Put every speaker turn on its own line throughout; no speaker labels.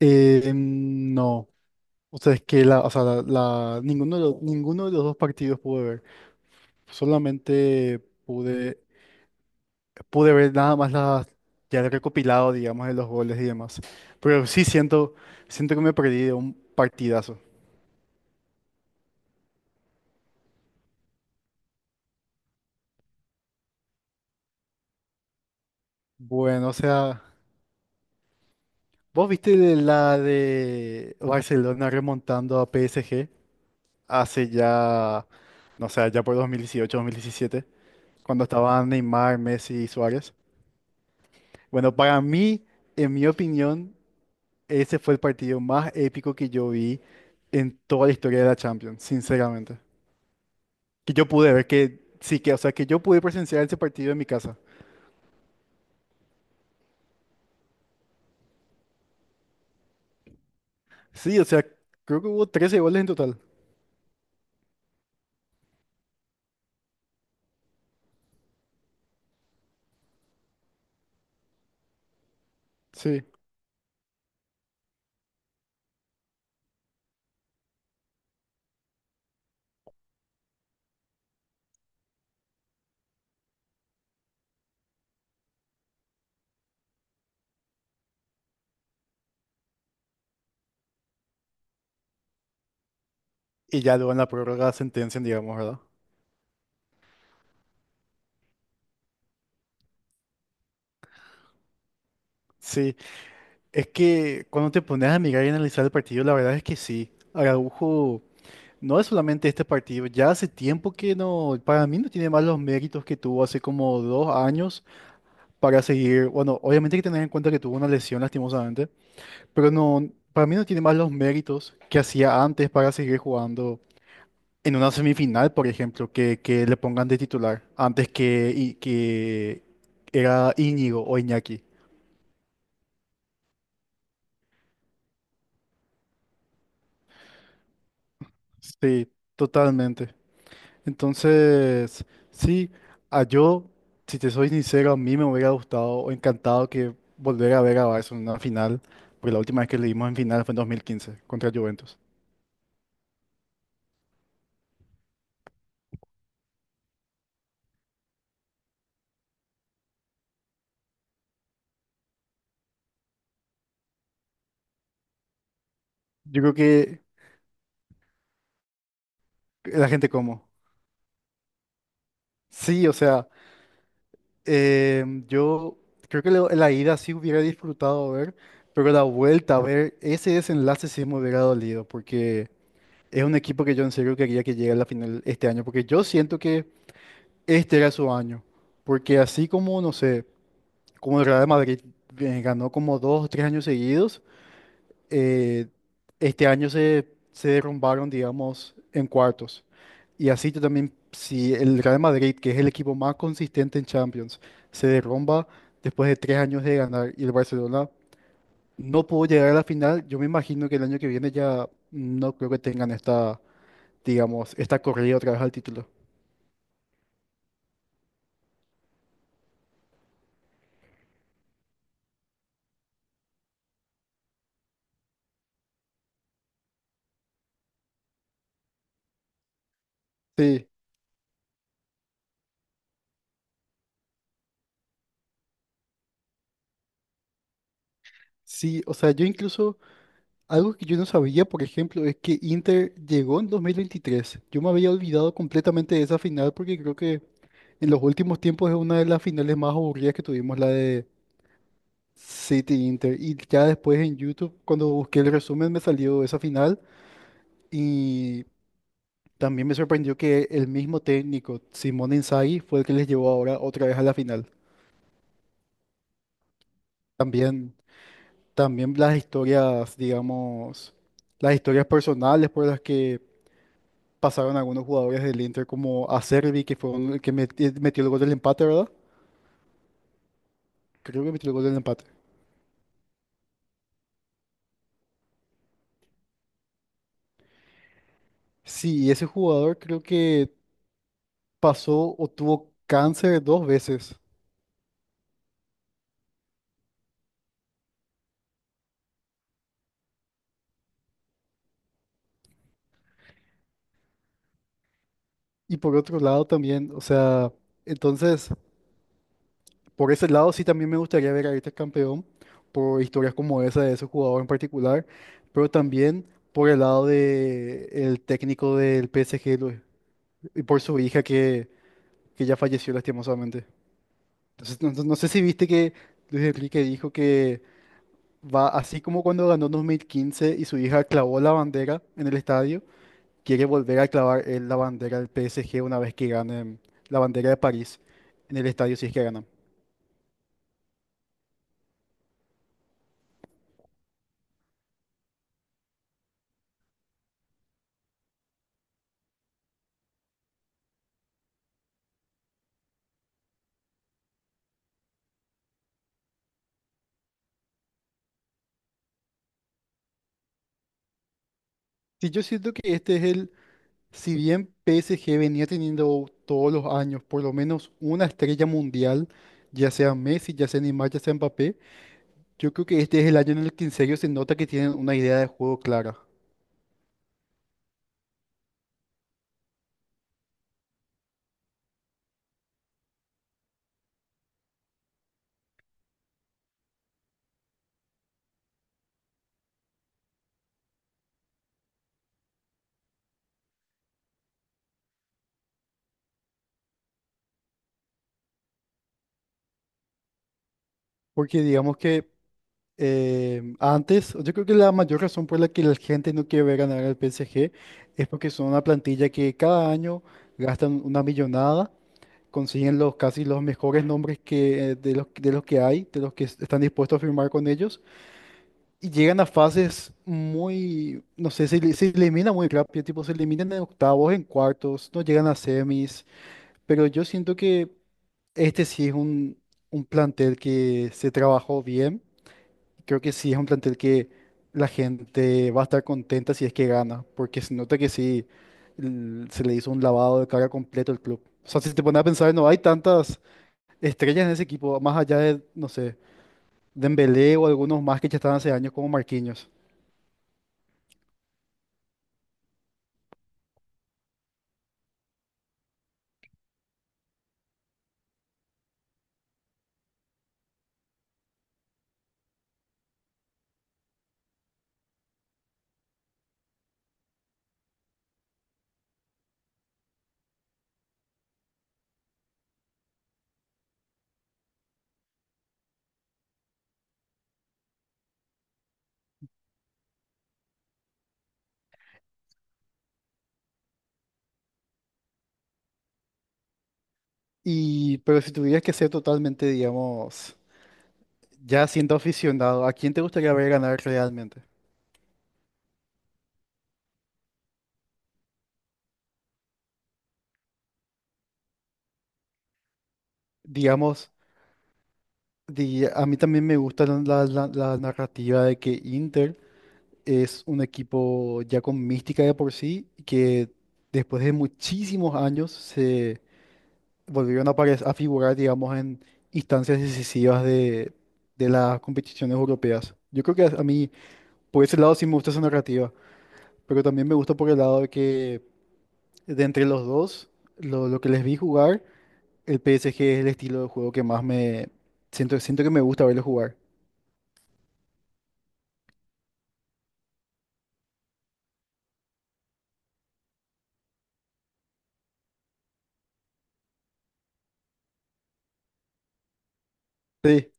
No, o sea, es que la, o sea, la- ninguno de los dos partidos pude ver. Solamente pude, pude ver nada más ya el recopilado, digamos, de los goles y demás. Pero sí siento que me perdí de un partidazo. Bueno, o sea, ¿vos viste de la de Barcelona remontando a PSG hace ya, no sé, ya por dos mil dieciocho, 2017, cuando estaban Neymar, Messi y Suárez? Bueno, para mí, en mi opinión, ese fue el partido más épico que yo vi en toda la historia de la Champions, sinceramente. Que yo pude ver que, sí, que, o sea, que yo pude presenciar ese partido en mi casa. Sí, o sea, creo que hubo 13 goles en total. Sí. Y ya luego en la prórroga sentencian, digamos, ¿verdad? Sí. Es que cuando te pones a mirar y analizar el partido, la verdad es que sí. Araujo no es solamente este partido, ya hace tiempo que no, para mí no tiene más los méritos que tuvo hace como 2 años para seguir. Bueno, obviamente hay que tener en cuenta que tuvo una lesión lastimosamente, pero no, para mí no tiene más los méritos que hacía antes para seguir jugando en una semifinal, por ejemplo, que le pongan de titular antes que, y, que era Íñigo o Iñaki. Sí, totalmente. Entonces, sí, a yo, si te soy sincero, a mí me hubiera gustado o encantado que volver a ver a Barça en una final, porque la última vez que le dimos en final fue en 2015 contra Juventus. Yo creo que la gente como. Sí, o sea, eh, yo creo que la ida sí hubiera disfrutado ver, pero la vuelta a ver ese desenlace sí me hubiera dolido, porque es un equipo que yo en serio quería que llegue a la final este año, porque yo siento que este era su año, porque así como, no sé, como el Real Madrid ganó como 2 o 3 años seguidos. eh, este año se derrumbaron, digamos, en cuartos. Y así tú también, si el Real Madrid, que es el equipo más consistente en Champions, se derrumba después de 3 años de ganar y el Barcelona no pudo llegar a la final, yo me imagino que el año que viene ya no creo que tengan esta, digamos, esta corrida otra vez al título. Sí, sí, o sea, yo incluso, algo que yo no sabía, por ejemplo, es que Inter llegó en 2023. Yo me había olvidado completamente de esa final porque creo que en los últimos tiempos es una de las finales más aburridas que tuvimos, la de City Inter. Y ya después en YouTube, cuando busqué el resumen, me salió esa final. Y también me sorprendió que el mismo técnico, Simone Inzaghi, fue el que les llevó ahora otra vez a la final. También, también las historias, digamos, las historias personales por las que pasaron algunos jugadores del Inter, como Acerbi, que fue el que metió el gol del empate, ¿verdad? Creo que metió el gol del empate. Sí, y ese jugador creo que pasó o tuvo cáncer dos veces. Y por otro lado también, o sea, entonces, por ese lado sí también me gustaría ver a Ayrton campeón, por historias como esa de ese jugador en particular, pero también por el lado de el técnico del PSG y por su hija que ya falleció lastimosamente. Entonces, no sé si viste que Luis Enrique dijo que va así como cuando ganó en 2015 y su hija clavó la bandera en el estadio. Quiere volver a clavar él la bandera del PSG una vez que ganen la bandera de París en el estadio si es que ganan. Sí, yo siento que este es si bien PSG venía teniendo todos los años por lo menos una estrella mundial, ya sea Messi, ya sea Neymar, ya sea Mbappé, yo creo que este es el año en el que en serio se nota que tienen una idea de juego clara. Porque digamos que antes, yo creo que la mayor razón por la que la gente no quiere ver ganar al PSG es porque son una plantilla que cada año gastan una millonada, consiguen los casi los mejores nombres que, de los que hay, de los que están dispuestos a firmar con ellos, y llegan a fases muy, no sé, se elimina muy rápido, tipo se eliminan en octavos, en cuartos, no llegan a semis, pero yo siento que este sí es un plantel que se trabajó bien. Creo que sí es un plantel que la gente va a estar contenta si es que gana, porque se nota que sí se le hizo un lavado de cara completo al club. O sea, si te pones a pensar, no hay tantas estrellas en ese equipo, más allá de, no sé, Dembélé o algunos más que ya estaban hace años como Marquinhos. Y, pero si tuvieras que ser totalmente, digamos, ya siendo aficionado, ¿a quién te gustaría ver ganar realmente? Digamos, a mí también me gusta la narrativa de que Inter es un equipo ya con mística de por sí, que después de muchísimos años se volvieron a, a figurar, digamos, en instancias decisivas de las competiciones europeas. Yo creo que a mí, por ese lado, sí me gusta esa narrativa, pero también me gusta por el lado de que de entre los dos, lo que les vi jugar, el PSG es el estilo de juego que más siento que me gusta verlo jugar. Sí,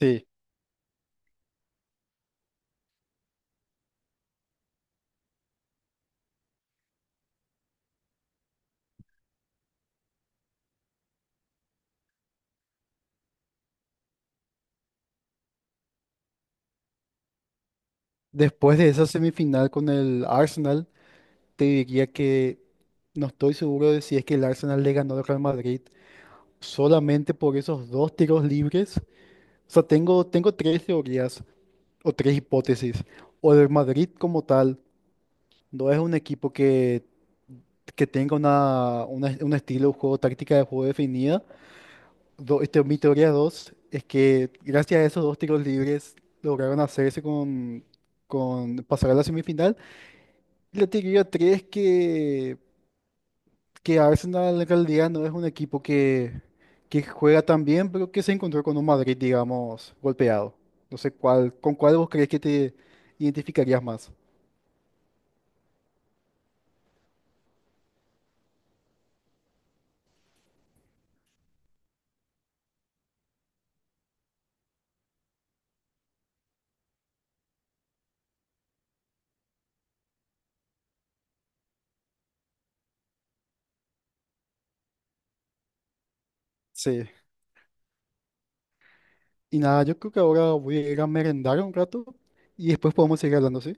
sí. Después de esa semifinal con el Arsenal, te diría que no estoy seguro de si es que el Arsenal le ganó al Real Madrid solamente por esos dos tiros libres. O sea, tengo tres teorías o tres hipótesis. O el Madrid como tal no es un equipo que tenga un estilo de juego, táctica de juego definida. Este, mi teoría dos es que gracias a esos dos tiros libres lograron hacerse con pasar a la semifinal. Y la teoría tres que Arsenal en realidad no es un equipo que juega tan bien, pero que se encontró con un Madrid, digamos, golpeado. No sé con cuál vos crees que te identificarías más. Sí. Y nada, yo creo que ahora voy a ir a merendar un rato y después podemos seguir hablando, ¿sí?